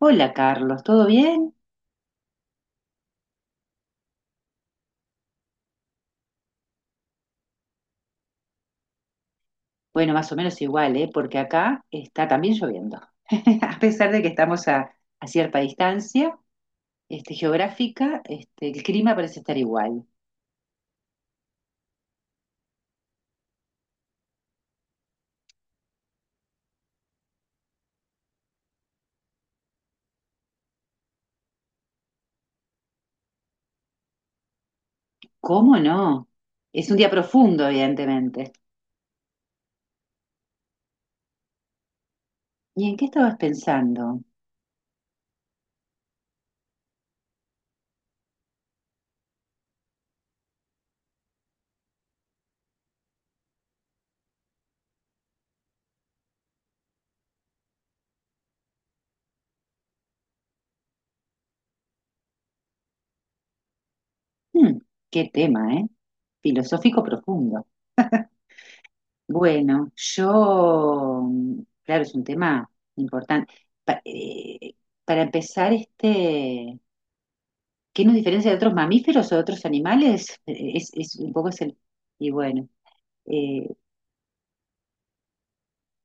Hola Carlos, ¿todo bien? Bueno, más o menos igual, ¿eh? Porque acá está también lloviendo. A pesar de que estamos a cierta distancia, geográfica, el clima parece estar igual. ¿Cómo no? Es un día profundo, evidentemente. ¿Y en qué estabas pensando? Hmm, qué tema, ¿eh? Filosófico profundo. Bueno, yo, claro, es un tema importante. Pa- eh, para empezar, ¿Qué nos diferencia de otros mamíferos o de otros animales? Es un poco es el... Y bueno, eh,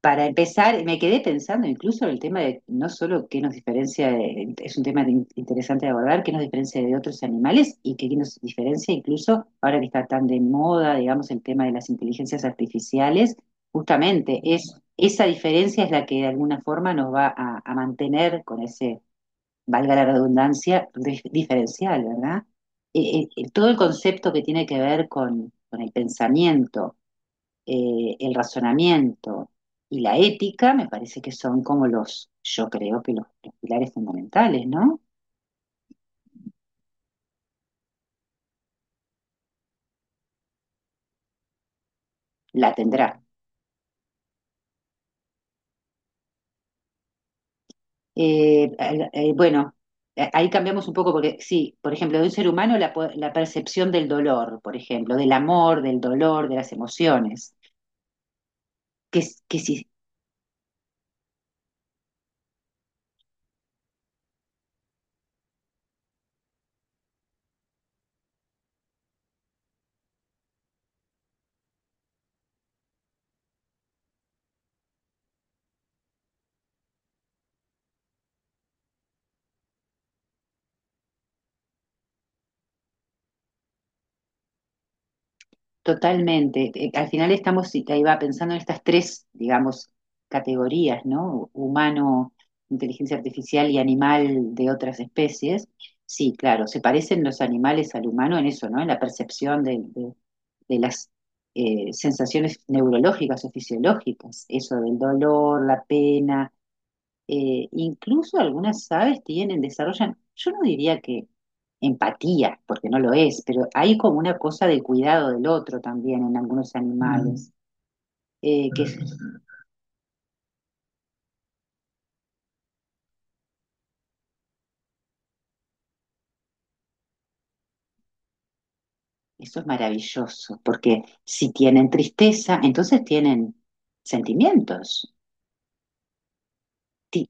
para empezar, me quedé pensando incluso en el tema de no solo qué nos diferencia, de- es un tema de- interesante de abordar, qué nos diferencia de otros animales y qué nos diferencia incluso, ahora que está tan de moda, digamos, el tema de las inteligencias artificiales, justamente es, esa diferencia es la que de alguna forma nos va a mantener con ese valga la redundancia, dif- diferencial, ¿verdad? Todo el concepto que tiene que ver con el pensamiento, el razonamiento y la ética, me parece que son como los, yo creo que los pilares fundamentales, ¿no? La tendrá. Bueno, ahí cambiamos un poco porque, sí, por ejemplo, de un ser humano la, po- la percepción del dolor, por ejemplo, del amor, del dolor, de las emociones, que, s- que si totalmente. Al final estamos, y te iba pensando en estas tres, digamos, categorías, ¿no? Humano, inteligencia artificial y animal de otras especies. Sí, claro, se parecen los animales al humano en eso, ¿no? En la percepción de las sensaciones neurológicas o fisiológicas, eso del dolor, la pena, incluso algunas aves tienen, desarrollan, yo no diría que empatía, porque no lo es, pero hay como una cosa de cuidado del otro también en algunos Mm, animales, eh, que es- eso es maravilloso, porque si tienen tristeza, entonces tienen sentimientos. Ti-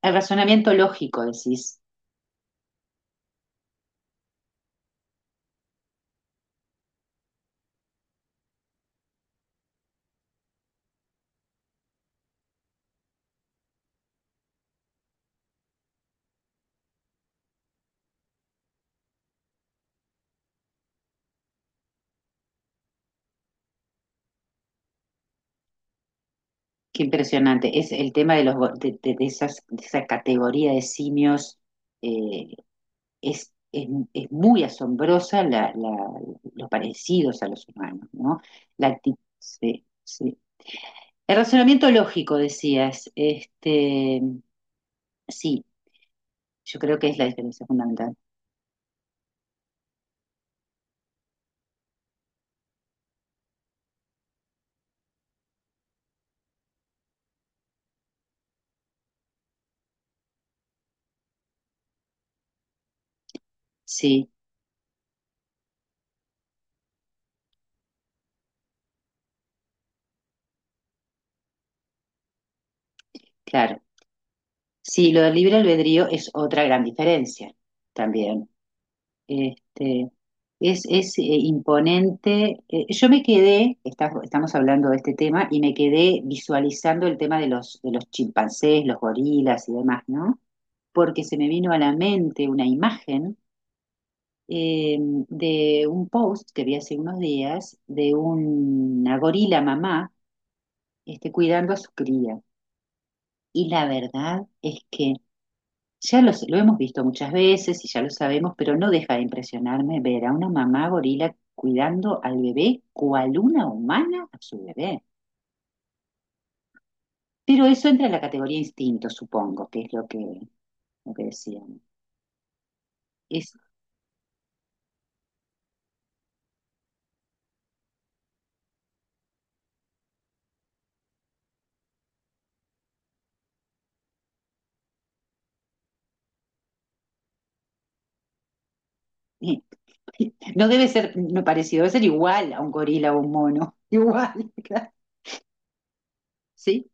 El razonamiento lógico, decís, qué impresionante, es el tema de, los, go- de esas, de esa categoría de simios. eh, es, es- es muy asombrosa la, la- los parecidos a los humanos, ¿no? La acti- sí, sí. El razonamiento lógico, decías, sí, yo creo que es la diferencia fundamental. Sí, claro. Sí, lo del libre albedrío es otra gran diferencia también. Este, es, imponente. Yo me quedé, está- estamos hablando de este tema, y me quedé visualizando el tema de los chimpancés, los gorilas y demás, ¿no? Porque se me vino a la mente una imagen de un post que vi hace unos días de una gorila mamá cuidando a su cría. Y la verdad es que ya lo hemos visto muchas veces y ya lo sabemos, pero no deja de impresionarme ver a una mamá gorila cuidando al bebé cual una humana a su bebé. Pero eso entra en la categoría instinto, supongo, que es lo que decían. Es, eh, No debe ser no parecido, debe ser igual a un gorila o un mono. Igual, claro. Sí,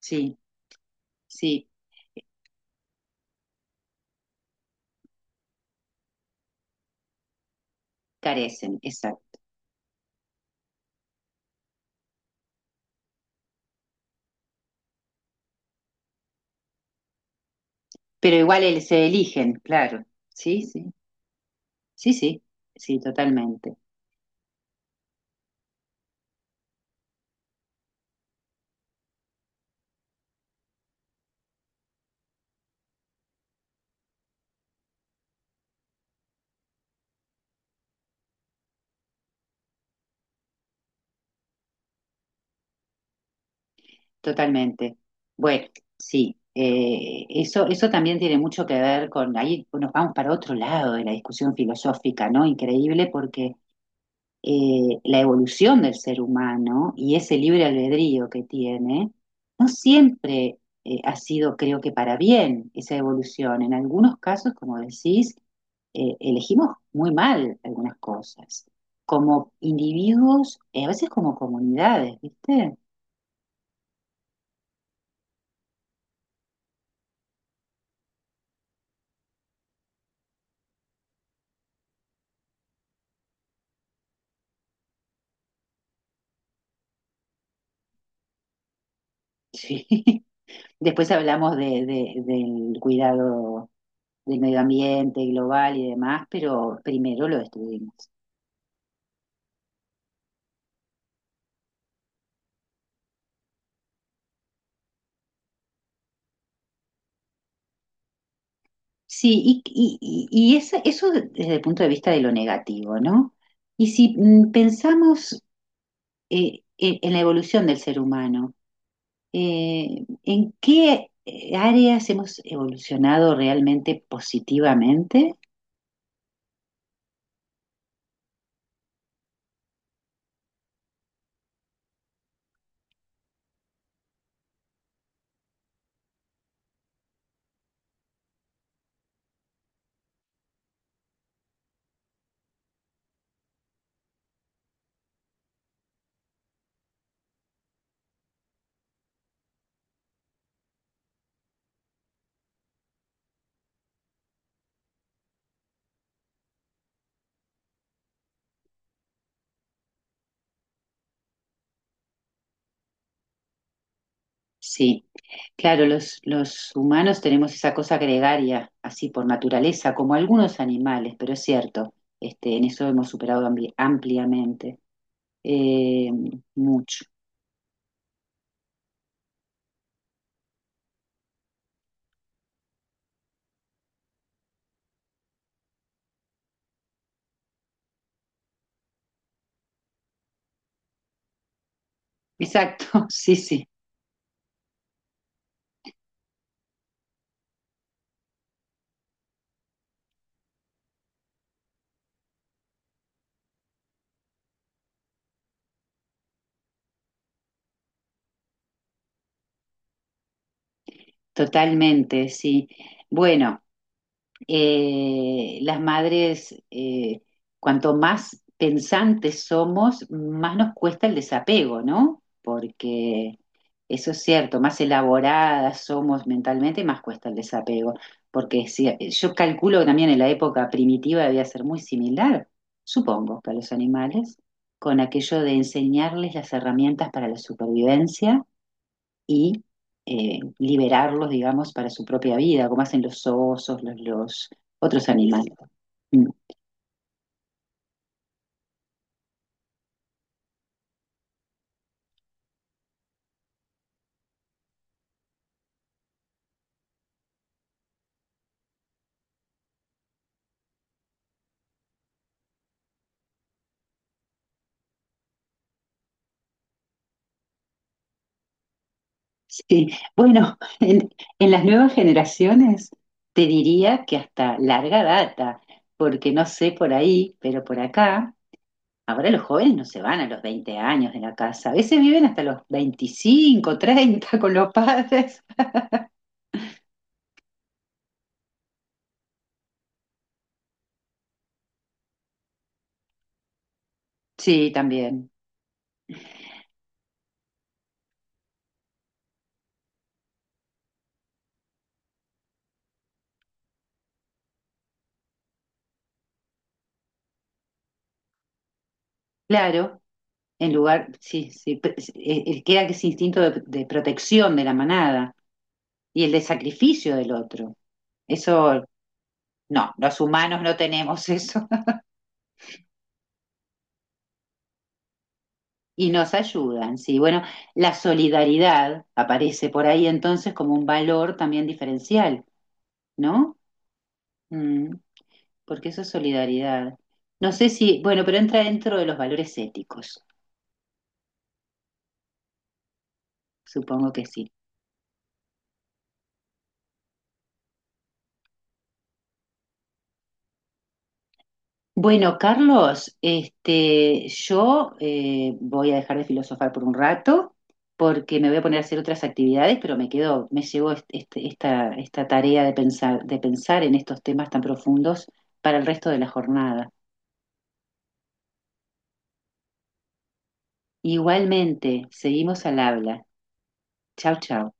sí, sí, carecen, exacto. Pero igual el- se eligen, claro. Sí, sí, sí, sí, sí, totalmente, totalmente. Bueno, sí, eso, eso también tiene mucho que ver con, ahí nos vamos para otro lado de la discusión filosófica, ¿no? Increíble porque la evolución del ser humano y ese libre albedrío que tiene, no siempre ha sido, creo que, para bien esa evolución. En algunos casos, como decís, elegimos muy mal algunas cosas, como individuos, a veces como comunidades, ¿viste? Sí. Después hablamos de- del cuidado del medio ambiente global y demás, pero primero lo estudiamos. Sí, y eso desde el punto de vista de lo negativo, ¿no? Y si mm, pensamos en la evolución del ser humano, ¿en qué áreas hemos evolucionado realmente positivamente? Sí, claro, los humanos tenemos esa cosa gregaria, así por naturaleza, como algunos animales, pero es cierto, en eso hemos superado ambi- ampliamente, eh, mucho. Exacto, sí, sí. Totalmente, sí. Bueno, las madres, cuanto más pensantes somos, más nos cuesta el desapego, ¿no? Porque eso es cierto, más elaboradas somos mentalmente, más cuesta el desapego. Porque si, yo calculo que también en la época primitiva debía ser muy similar, supongo, que a los animales, con aquello de enseñarles las herramientas para la supervivencia y liberarlos, digamos, para su propia vida, como hacen los osos, los otros animales. Mm. Sí, bueno, en las nuevas generaciones te diría que hasta larga data, porque no sé por ahí, pero por acá, ahora los jóvenes no se van a los 20 años de la casa, a veces viven hasta los 25, 30 con los padres. Sí, también, claro, en lugar, sí, sí, queda ese instinto de protección de la manada. Y el de sacrificio del otro. Eso no, los humanos no tenemos eso y nos ayudan, sí. Bueno, la solidaridad aparece por ahí entonces como un valor también diferencial, ¿no? Mm, porque eso es solidaridad. No sé si, bueno, pero entra dentro de los valores éticos, supongo que sí. Bueno, Carlos, yo voy a dejar de filosofar por un rato porque me voy a poner a hacer otras actividades, pero me quedo, me llevo est- este- esta tarea de pensar en estos temas tan profundos para el resto de la jornada. Igualmente, seguimos al habla. Chau, chau.